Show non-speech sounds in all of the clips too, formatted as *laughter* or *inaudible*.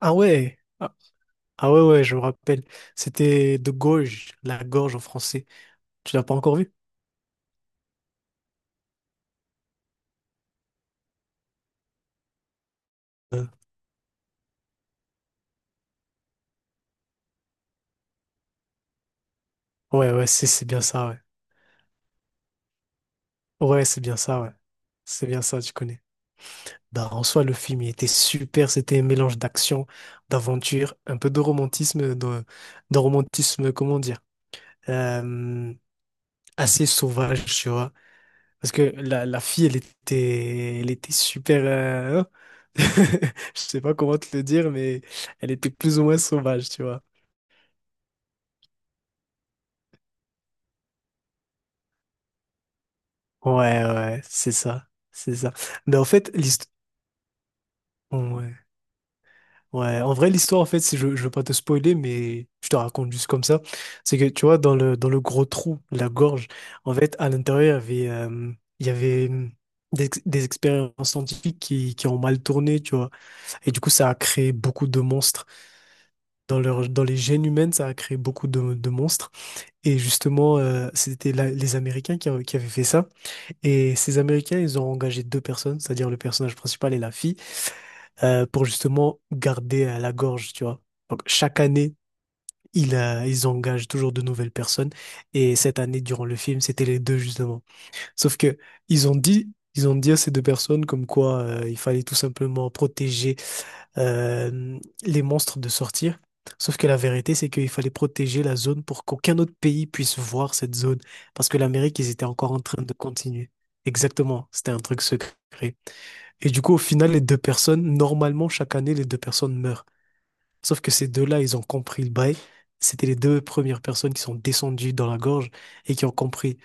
Ah ouais, ah, ah ouais, ouais, je me rappelle. C'était de gorge, la gorge en français. Tu l'as pas encore vu? Euh, Ouais, ouais, c'est bien ça, ouais. Ouais, c'est bien ça, ouais. C'est bien ça, tu connais. Bah, en soi, le film, il était super. C'était un mélange d'action, d'aventure, un peu de romantisme, de romantisme, comment dire, euh, assez sauvage, tu vois. Parce que la fille, elle était super. *laughs* Je sais pas comment te le dire, mais elle était plus ou moins sauvage, tu vois. Ouais, ouais, c'est ça, c'est ça. Mais en fait, l'histoire. Ouais, ouais. En vrai, l'histoire, en fait, si je veux pas te spoiler, mais je te raconte juste comme ça, c'est que, tu vois, dans le gros trou, la gorge, en fait, à l'intérieur, il y avait des expériences scientifiques qui ont mal tourné, tu vois. Et du coup, ça a créé beaucoup de monstres. Dans les gènes humaines, ça a créé beaucoup de monstres. Et justement, c'était les Américains qui avaient fait ça. Et ces Américains, ils ont engagé deux personnes, c'est-à-dire le personnage principal et la fille, pour justement garder à la gorge, tu vois. Donc chaque année, ils engagent toujours de nouvelles personnes. Et cette année, durant le film, c'était les deux justement. Sauf que ils ont dit à ces deux personnes comme quoi il fallait tout simplement protéger euh, les monstres de sortir. Sauf que la vérité, c'est qu'il fallait protéger la zone pour qu'aucun autre pays puisse voir cette zone. Parce que l'Amérique, ils étaient encore en train de continuer. Exactement, c'était un truc secret. Et du coup, au final, les deux personnes, normalement, chaque année, les deux personnes meurent. Sauf que ces deux-là, ils ont compris le bail. C'était les deux premières personnes qui sont descendues dans la gorge et qui ont compris.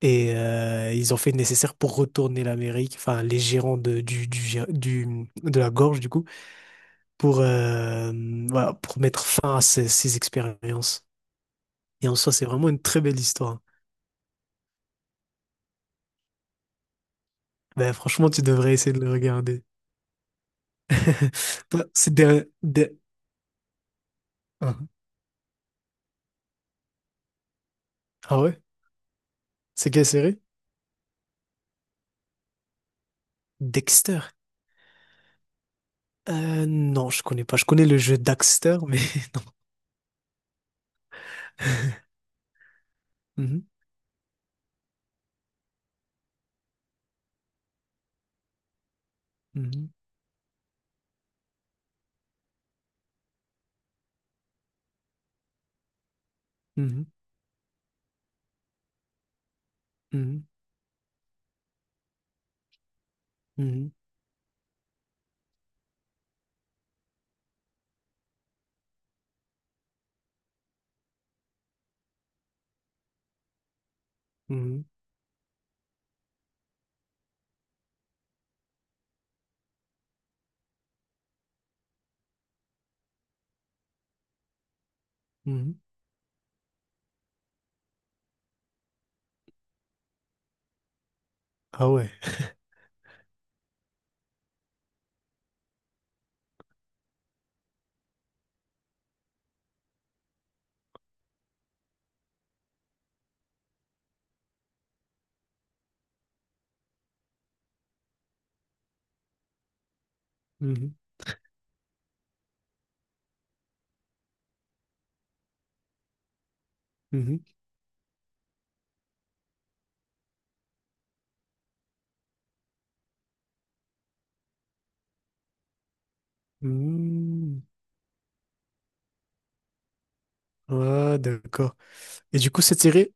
Et ils ont fait le nécessaire pour retourner l'Amérique, enfin, les gérants de, du, gé- du- de la gorge, du coup pour, euh, voilà, pour mettre fin à ces expériences. Et en soi, c'est vraiment une très belle histoire. Ben, franchement, tu devrais essayer de le regarder. *laughs* Toi, c'est des- Ah ah ouais? C'est quelle série? Dexter. Non, je connais pas. Je connais le jeu Daxter, mais. *laughs* Mhm, mhm, mhm, mhm, mhm, mhm, mhm. Ah ouais. *laughs* Mhm, mhm, mhm. Ah, d'accord. Et du coup, cette série.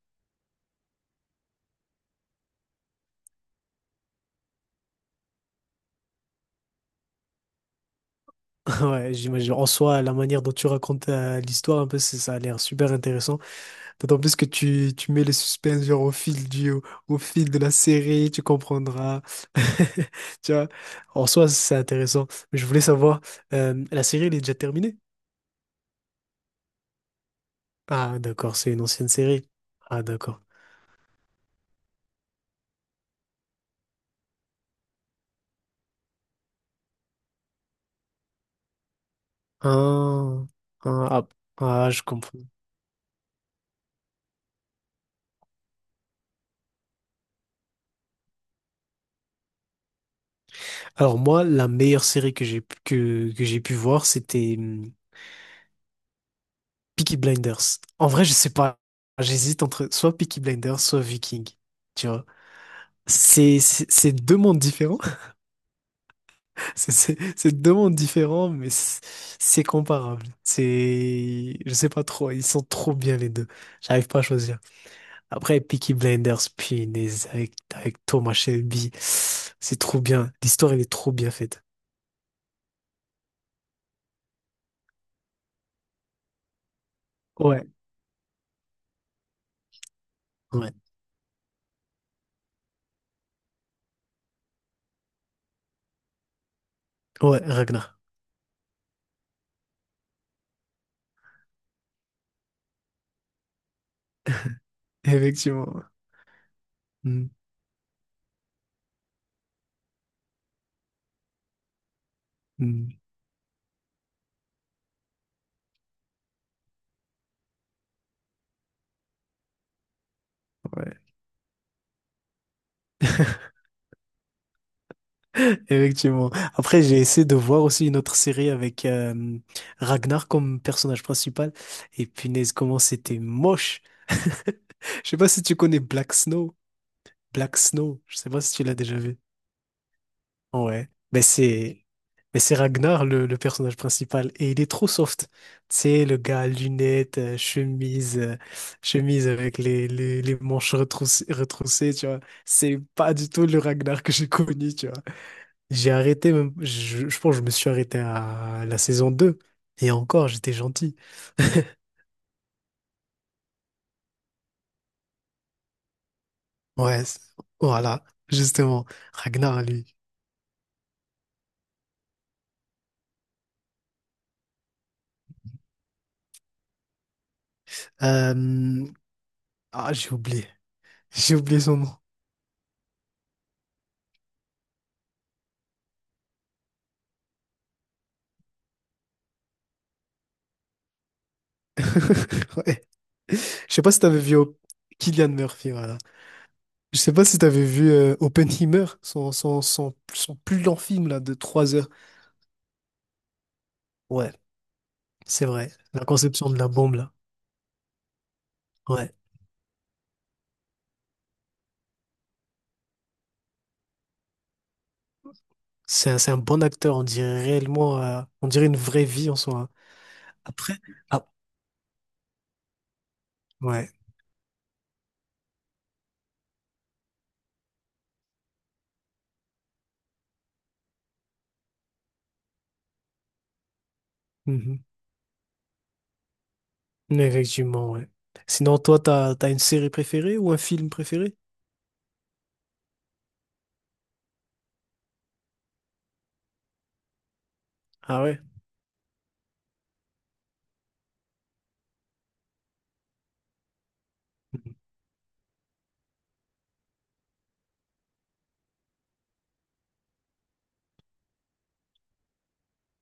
*laughs* Ouais, j'imagine. En soi, la manière dont tu racontes l'histoire, un peu, ça a l'air super intéressant. D'autant plus que tu mets le suspense genre au fil du, au fil de la série, tu comprendras. *laughs* Tu vois, en soi, c'est intéressant. Mais je voulais savoir, la série, elle est déjà terminée? Ah, d'accord, c'est une ancienne série. Ah, d'accord. Ah, ah, ah, ah, je comprends. Alors moi, la meilleure série que j'ai pu voir, c'était Peaky Blinders. En vrai, je sais pas. J'hésite entre soit Peaky Blinders, soit Viking. Tu vois. C'est deux mondes différents. *laughs* C'est deux mondes différents, mais c'est comparable. C'est. Je sais pas trop. Ils sont trop bien les deux. J'arrive pas à choisir. Après, Peaky Blinders, punaise, avec Thomas Shelby. C'est trop bien. L'histoire, elle est trop bien faite. Ouais. Ouais. Ouais, Ragnar. Effectivement. Mm, mm, ouais. *laughs* *laughs* Effectivement. Après, j'ai essayé de voir aussi une autre série avec Ragnar comme personnage principal. Et punaise, comment c'était moche. *laughs* Je sais pas si tu connais Black Snow. Black Snow, je sais pas si tu l'as déjà vu. Ouais. Mais c'est Ragnar le personnage principal et il est trop soft. Tu sais, le gars à lunettes, chemise avec les manches retroussées, tu vois. C'est pas du tout le Ragnar que j'ai connu, j'ai arrêté, je pense que je me suis arrêté à la saison 2. Et encore, j'étais gentil. *laughs* Ouais, voilà, justement. Ragnar, lui. Euh, Ah, j'ai oublié. J'ai oublié son nom. *laughs* Ouais. Je sais pas si t'avais vu Op- Cillian Murphy, voilà. Je sais pas si t'avais vu Oppenheimer, son plus long film, là, de 3 heures. Ouais, c'est vrai. La conception de la bombe, là. Ouais. C'est un bon acteur, on dirait réellement, on dirait une vraie vie en soi. Après, ah, ouais. Mhm. Effectivement, ouais. Sinon, toi, t'as, une série préférée ou un film préféré? Ah ouais? Mhm.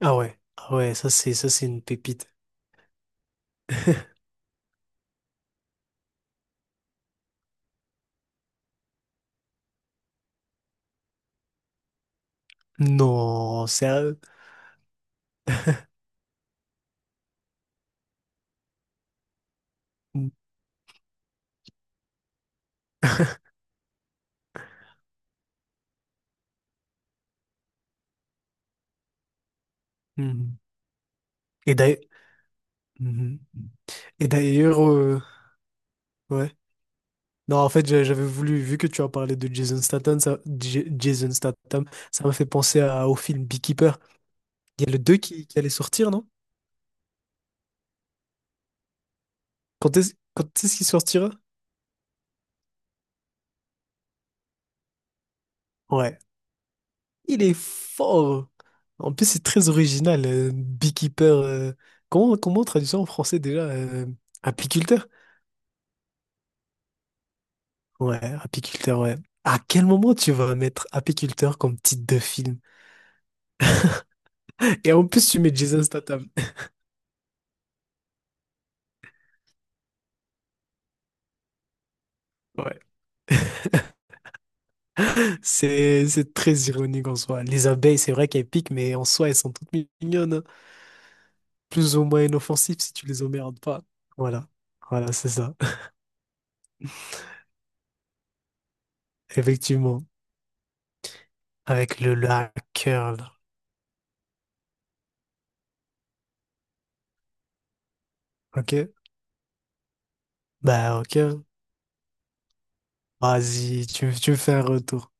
Ah ouais. Ah ouais, ça c'est une pépite. *laughs* Non, sérieux? Mhm. Mhm. Et d'ailleurs. Mhm. Et d'ailleurs, ouais. Non, en fait, j'avais voulu, vu que tu as parlé de Jason Statham, ça, Jason Statham, ça m'a fait penser au film Beekeeper. Il y a le 2 qui allait sortir, non? Quand est-ce qu'il sortira? Ouais. Il est fort. En plus, c'est très original. Beekeeper. Comment on traduit ça en français déjà? Apiculteur? Ouais, apiculteur, ouais. À quel moment tu vas mettre apiculteur comme titre de film? Et en plus, tu mets Jason Statham. Ouais. *laughs* C'est très ironique en soi. Les abeilles, c'est vrai qu'elles piquent, mais en soi, elles sont toutes mignonnes, hein. Plus ou moins inoffensives si tu les emmerdes pas. Voilà. Voilà, c'est ça. *laughs* Effectivement. Avec le hacker, là. Ok? Bah, ok. Vas-y, tu me fais un retour.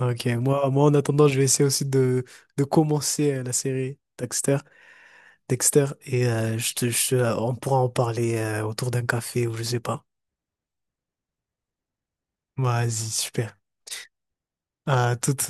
Ok, moi en attendant, je vais essayer aussi de commencer la série Dexter, Dexter, et on pourra en parler autour d'un café ou je sais pas. Vas-y, super. À toute.